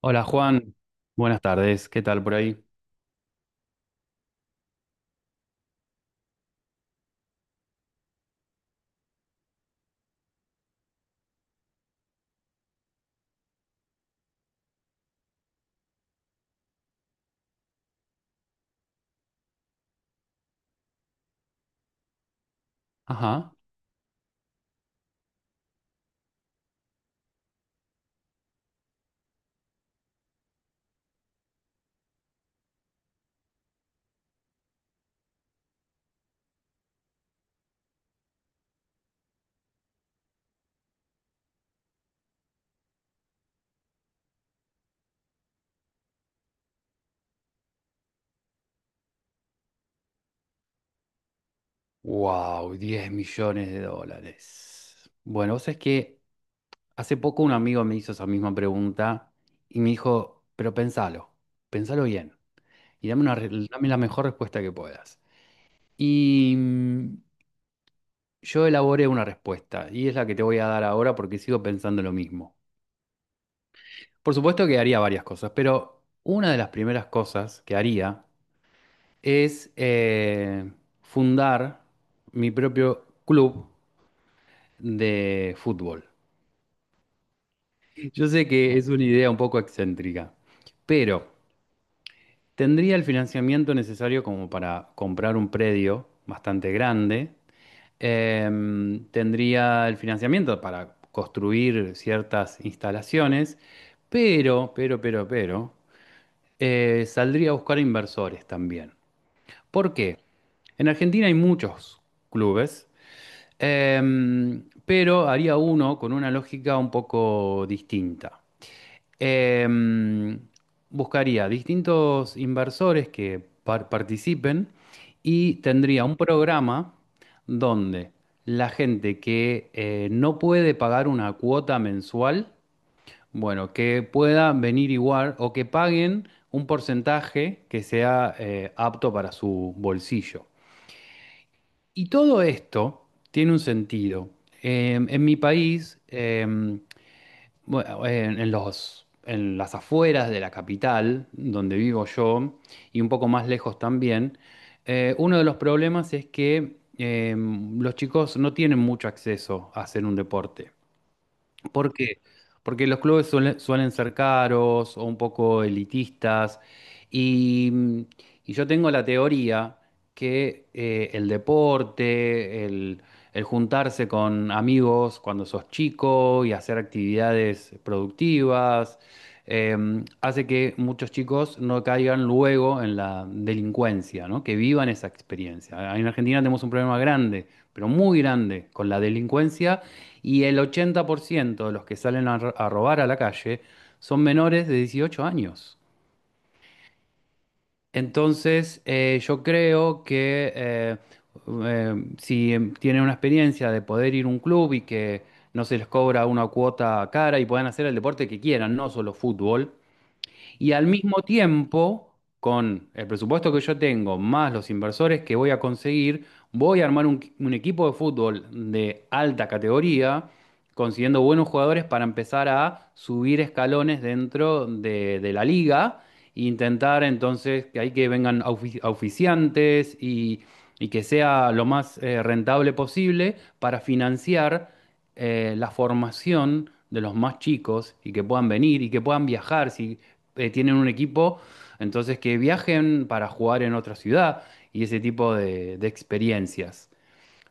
Hola Juan, buenas tardes, ¿qué tal por ahí? Ajá. Wow, 10 millones de dólares. Bueno, vos sabés que hace poco un amigo me hizo esa misma pregunta y me dijo, pero pensalo, pensalo bien y dame la mejor respuesta que puedas. Y mm, yo elaboré una respuesta y es la que te voy a dar ahora porque sigo pensando lo mismo. Por supuesto que haría varias cosas, pero una de las primeras cosas que haría es fundar mi propio club de fútbol. Yo sé que es una idea un poco excéntrica, pero tendría el financiamiento necesario como para comprar un predio bastante grande. Tendría el financiamiento para construir ciertas instalaciones, pero, saldría a buscar inversores también. ¿Por qué? En Argentina hay muchos clubes. Pero haría uno con una lógica un poco distinta. Em, buscaría distintos inversores que participen y tendría un programa donde la gente que no puede pagar una cuota mensual, bueno, que pueda venir igual o que paguen un porcentaje que sea apto para su bolsillo. Y todo esto tiene un sentido. En mi país, bueno, en las afueras de la capital, donde vivo yo, y un poco más lejos también, uno de los problemas es que los chicos no tienen mucho acceso a hacer un deporte. ¿Por qué? Porque los clubes suelen ser caros o un poco elitistas y, mm, y yo tengo la teoría que el deporte, el juntarse con amigos cuando sos chico y hacer actividades productivas, eh, hace que muchos chicos no caigan luego en la delincuencia, ¿no? Que vivan esa experiencia. En Argentina tenemos un problema grande, pero muy grande, con la delincuencia, y el 80% de los que salen a, a robar a la calle son menores de 18 años. Entonces, yo creo que si tienen una experiencia de poder ir a un club y que no se les cobra una cuota cara y puedan hacer el deporte que quieran, no solo fútbol, y al mismo tiempo, con el presupuesto que yo tengo, más los inversores que voy a conseguir, voy a armar un, equipo de fútbol de alta categoría, consiguiendo buenos jugadores para empezar a subir escalones dentro de la liga e intentar entonces que ahí que vengan auspiciantes y que sea lo más rentable posible para financiar la formación de los más chicos y que puedan venir y que puedan viajar. Si tienen un equipo, entonces que viajen para jugar en otra ciudad y ese tipo de experiencias.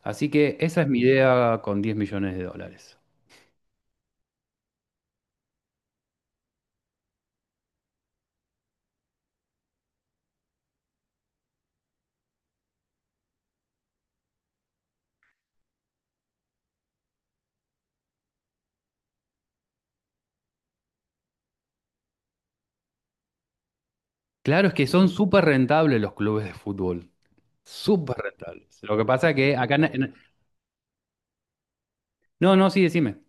Así que esa es mi idea con 10 millones de dólares. Claro, es que son súper rentables los clubes de fútbol. Súper rentables. Lo que pasa que acá. No, no, sí, decime.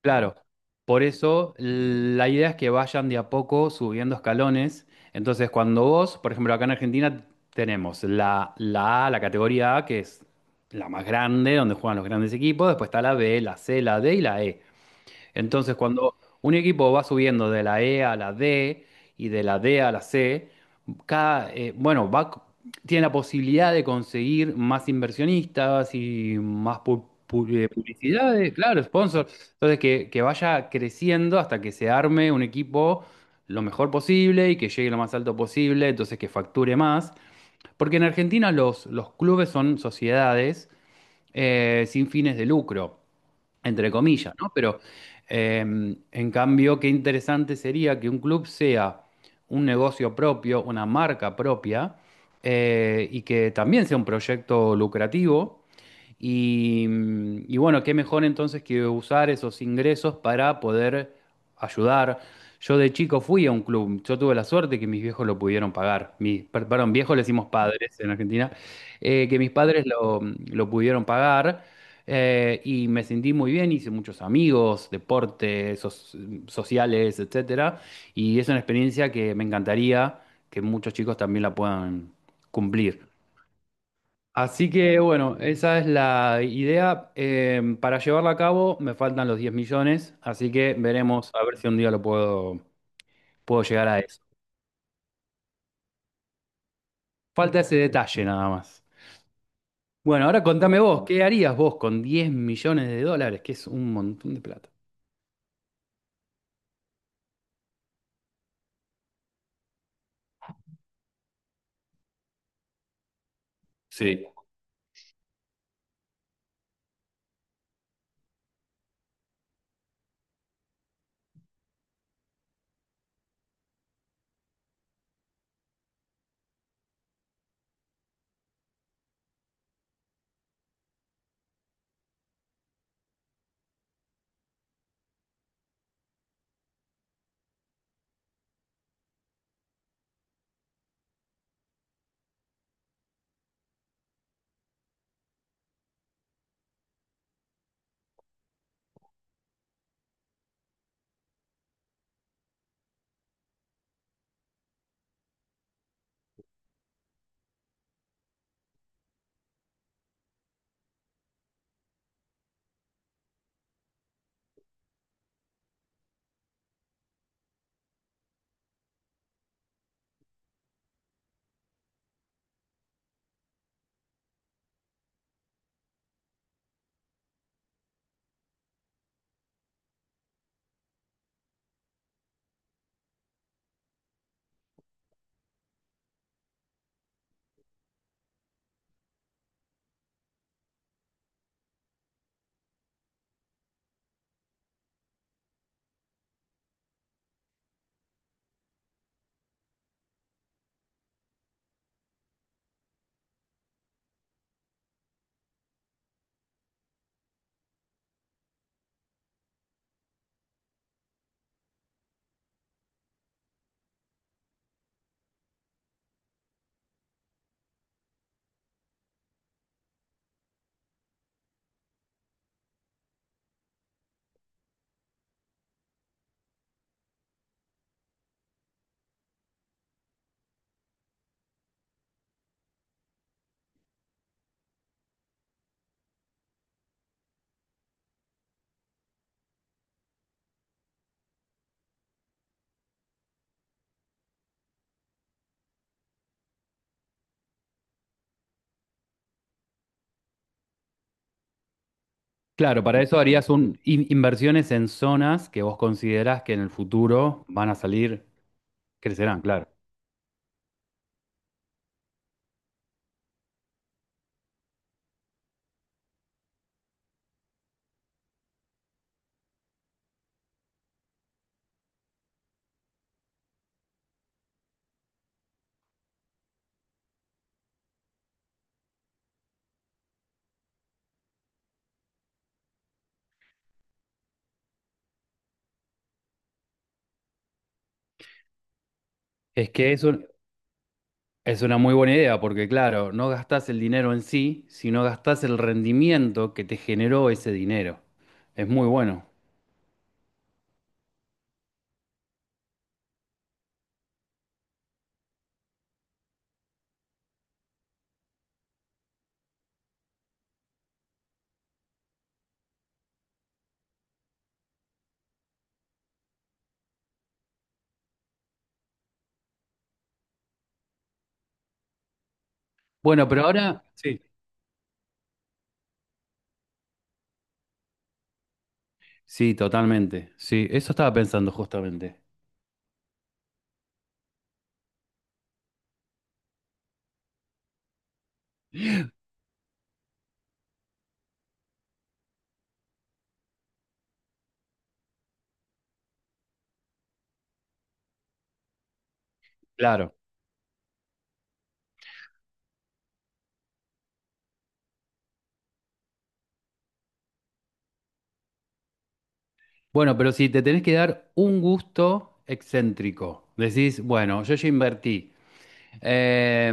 Claro, por eso la idea es que vayan de a poco subiendo escalones. Entonces, cuando vos, por ejemplo, acá en Argentina tenemos la, A, la categoría A, que es la más grande, donde juegan los grandes equipos, después está la B, la C, la D y la E. Entonces, cuando un equipo va subiendo de la E a la D y de la D a la C, bueno, tiene la posibilidad de conseguir más inversionistas y más publicidades, claro, sponsors. Entonces, que vaya creciendo hasta que se arme un equipo lo mejor posible y que llegue lo más alto posible, entonces que facture más. Porque en Argentina los clubes son sociedades sin fines de lucro entre comillas, ¿no? Pero en cambio, qué interesante sería que un club sea un negocio propio, una marca propia, y que también sea un proyecto lucrativo y bueno, qué mejor entonces que usar esos ingresos para poder ayudar. Yo de chico fui a un club, yo tuve la suerte que mis viejos lo pudieron pagar. Perdón, viejos le decimos padres en Argentina. Que mis padres lo pudieron pagar, y me sentí muy bien, hice muchos amigos, deportes, sociales, etcétera. Y es una experiencia que me encantaría que muchos chicos también la puedan cumplir. Así que bueno, esa es la idea. Para llevarla a cabo me faltan los 10 millones, así que veremos a ver si un día lo puedo llegar a eso. Falta ese detalle nada más. Bueno, ahora contame vos, ¿qué harías vos con 10 millones de dólares? Que es un montón de plata. Sí. Claro, para eso harías un, inversiones en zonas que vos considerás que en el futuro van a salir, crecerán, claro. Es que eso, es una muy buena idea porque, claro, no gastás el dinero en sí, sino gastás el rendimiento que te generó ese dinero. Es muy bueno. Bueno, pero ahora... Sí. Sí, totalmente. Sí, eso estaba pensando justamente. Claro. Bueno, pero si te tenés que dar un gusto excéntrico, decís, bueno, yo ya invertí. Eh,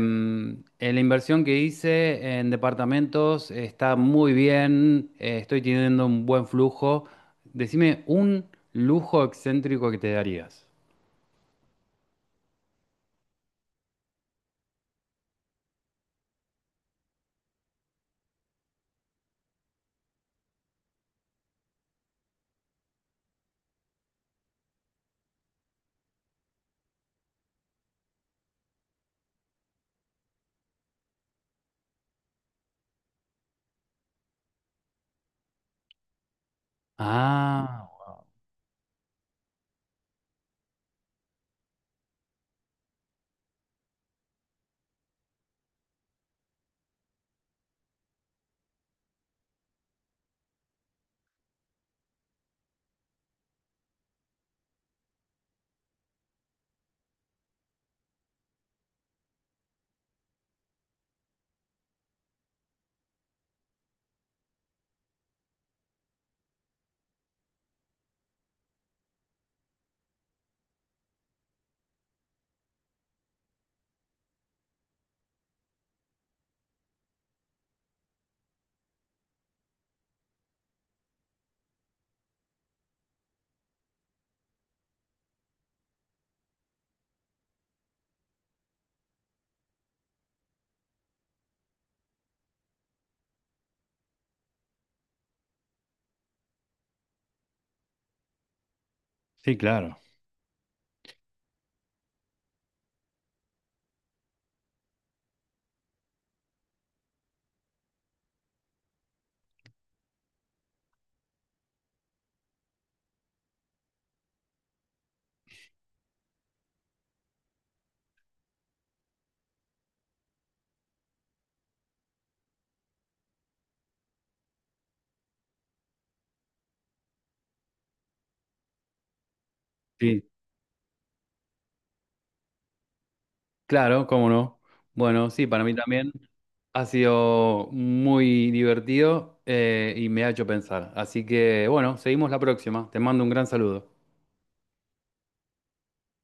la inversión que hice en departamentos está muy bien, estoy teniendo un buen flujo. Decime un lujo excéntrico que te darías. Ah, sí, claro. Sí, claro, cómo no. Bueno, sí, para mí también ha sido muy divertido, y me ha hecho pensar. Así que, bueno, seguimos la próxima. Te mando un gran saludo.